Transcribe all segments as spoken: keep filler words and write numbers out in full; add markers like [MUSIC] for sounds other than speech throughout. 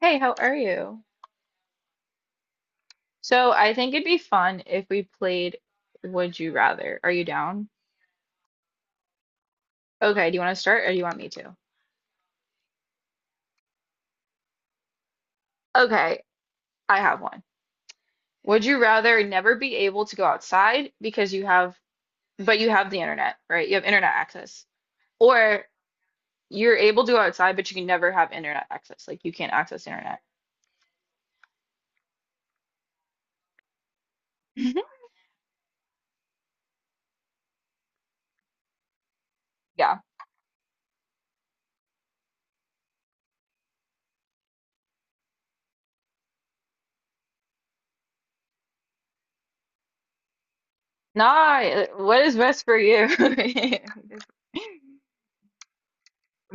Hey, how are you? So I think it'd be fun if we played Would You Rather. Are you down? Okay, do you want to start or do you want me to? Okay, I have one. Would you rather never be able to go outside because you have, but you have the internet, right? You have internet access. Or you're able to go outside, but you can never have internet access. Like you can't access internet. [LAUGHS] Yeah. Nah, what is best for you? [LAUGHS]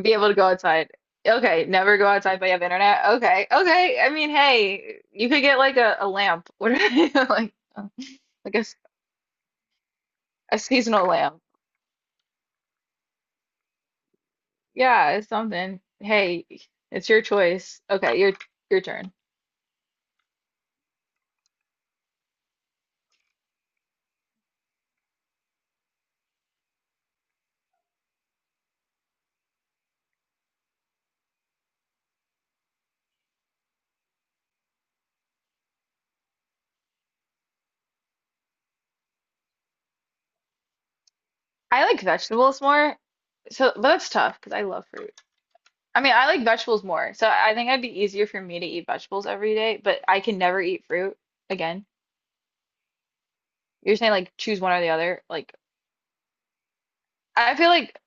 Be able to go outside. Okay, never go outside but you have internet. Okay, okay. I mean, hey, you could get like a, a lamp. [LAUGHS] What are you like like a, s- a seasonal lamp? Yeah, it's something. Hey, it's your choice. Okay, your your turn. I like vegetables more. So, but that's tough because I love fruit. I mean, I like vegetables more. So I think it'd be easier for me to eat vegetables every day, but I can never eat fruit again. You're saying like choose one or the other. Like I feel like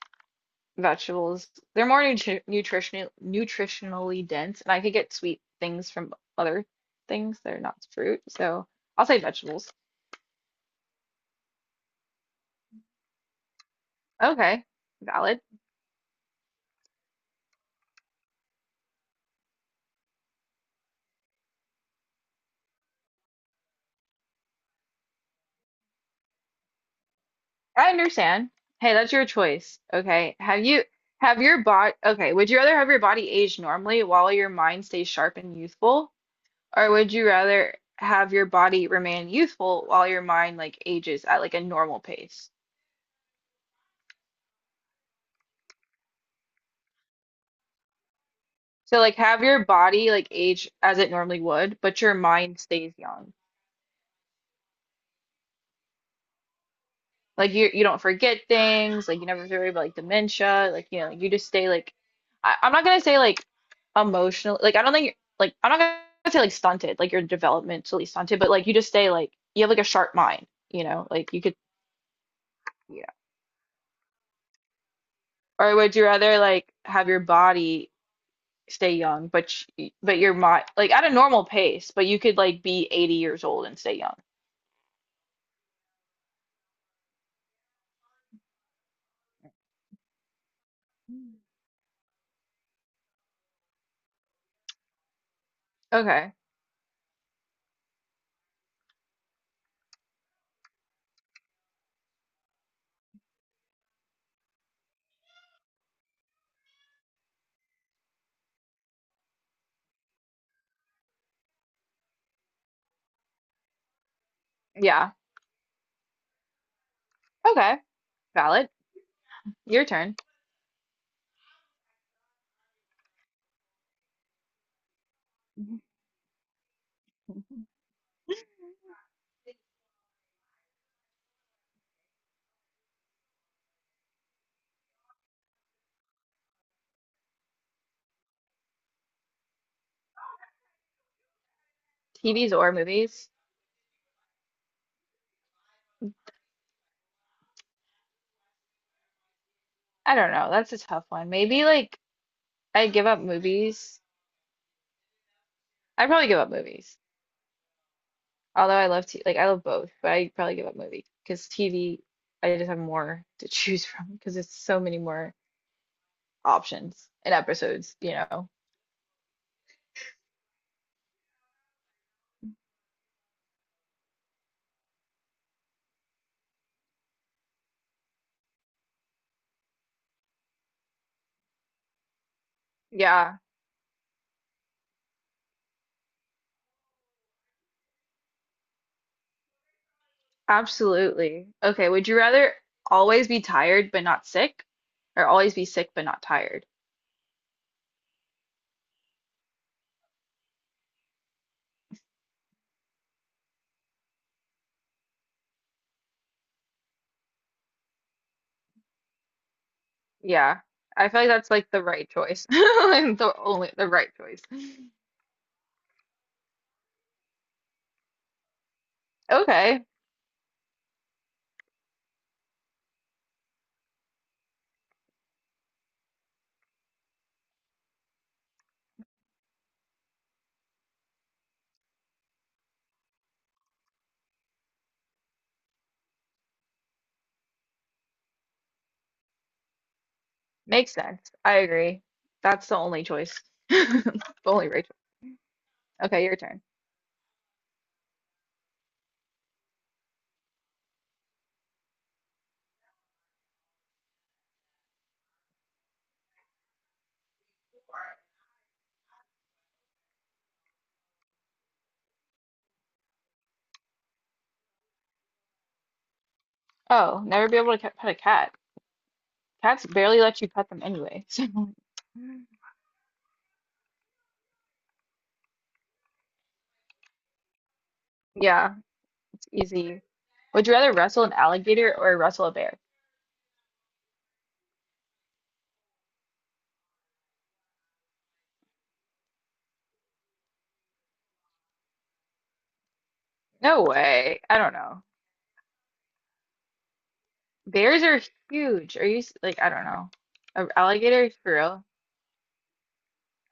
vegetables. They're more nutri nutrition nutritionally dense, and I could get sweet things from other things that are not fruit. So I'll say vegetables. Okay, valid. I understand. Hey, that's your choice. Okay. Have you have your body Okay, would you rather have your body age normally while your mind stays sharp and youthful, or would you rather have your body remain youthful while your mind like ages at like a normal pace? So like have your body like age as it normally would, but your mind stays young. Like you you don't forget things, like you never worry about like dementia, like you know, you just stay like I, I'm not gonna say like emotional, like I don't think like I'm not gonna say like stunted, like you're developmentally stunted, but like you just stay like you have like a sharp mind, you know, like you could yeah. Or would you rather like have your body stay young but sh- but your mind like at a normal pace, but you could like be eighty years old and stay young. Okay. Yeah. Okay. Valid. Your turn. [LAUGHS] T Vs or movies? I don't know. That's a tough one. Maybe like I give up movies. I probably give up movies. Although I love t like I love both, but I probably give up movie because T V I just have more to [LAUGHS] choose from because it's so many more options and episodes, you know. Yeah, absolutely. Okay, would you rather always be tired but not sick or always be sick but not tired? Yeah. I feel like that's like the right choice. [LAUGHS] Like the only the right choice. Okay. Makes sense. I agree. That's the only choice. [LAUGHS] The only right choice. Okay, your turn. Oh, never be able to ca- pet a cat. Cats barely let you pet them anyway. [LAUGHS] So yeah, it's easy. Would you rather wrestle an alligator or wrestle a bear? No way. I don't know. Bears are huge. Are you s- like I don't know. An alligator for real?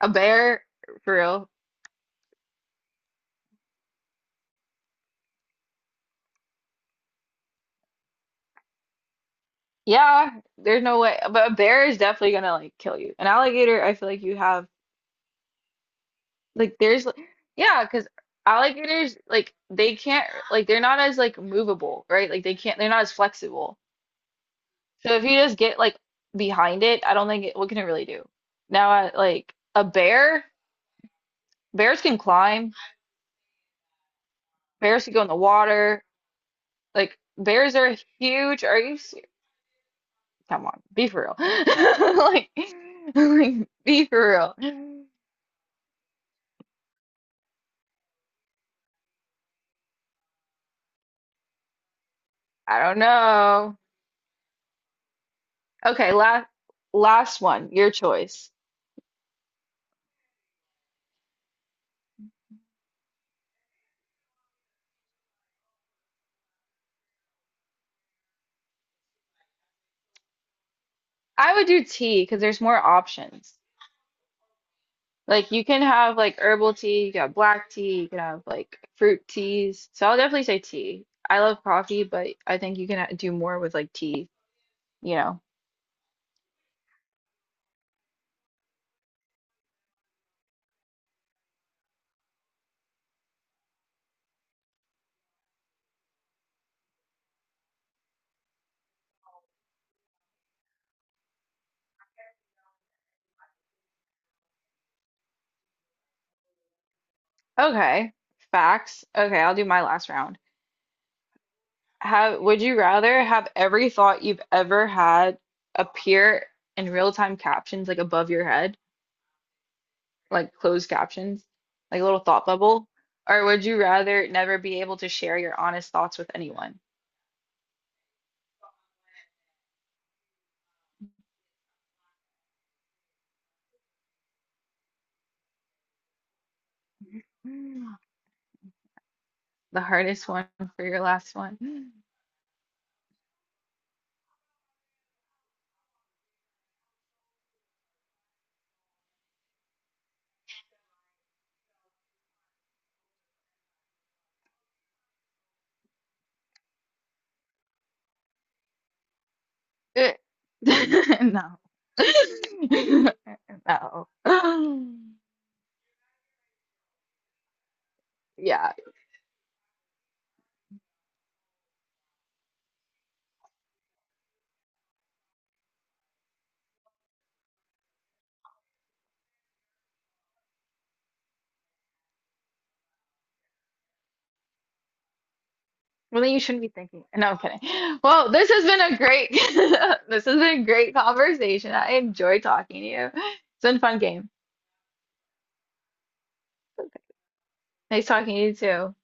A bear for real? Yeah, there's no way. But a bear is definitely gonna like kill you. An alligator, I feel like you have. Like there's like- yeah, because alligators like they can't like they're not as like movable, right? Like they can't they're not as flexible. So if you just get like behind it, I don't think it, what can it really do? Now I, like a bear, bears can climb, bears can go in the water. Like bears are huge. Are you ser- Come on, be for real. [LAUGHS] Like, [LAUGHS] like be for real. I don't know. Okay, last last one, your choice. I would do tea because there's more options. Like you can have like herbal tea, you can have black tea, you can have like fruit teas. So I'll definitely say tea. I love coffee, but I think you can uh, do more with like tea, you know. Okay. Facts. Okay, I'll do my last round. Have Would you rather have every thought you've ever had appear in real-time captions like above your head, like closed captions, like a little thought bubble, or would you rather never be able to share your honest thoughts with anyone? [GASPS] The hardest one for your last one. [GASPS] Eh, [LAUGHS] no. [LAUGHS] No. [GASPS] Yeah. Well, then you shouldn't be thinking. No, I'm kidding. Well, this has been a great [LAUGHS] this has been a great conversation. I enjoy talking to you. It's been a fun game. Nice talking to you too.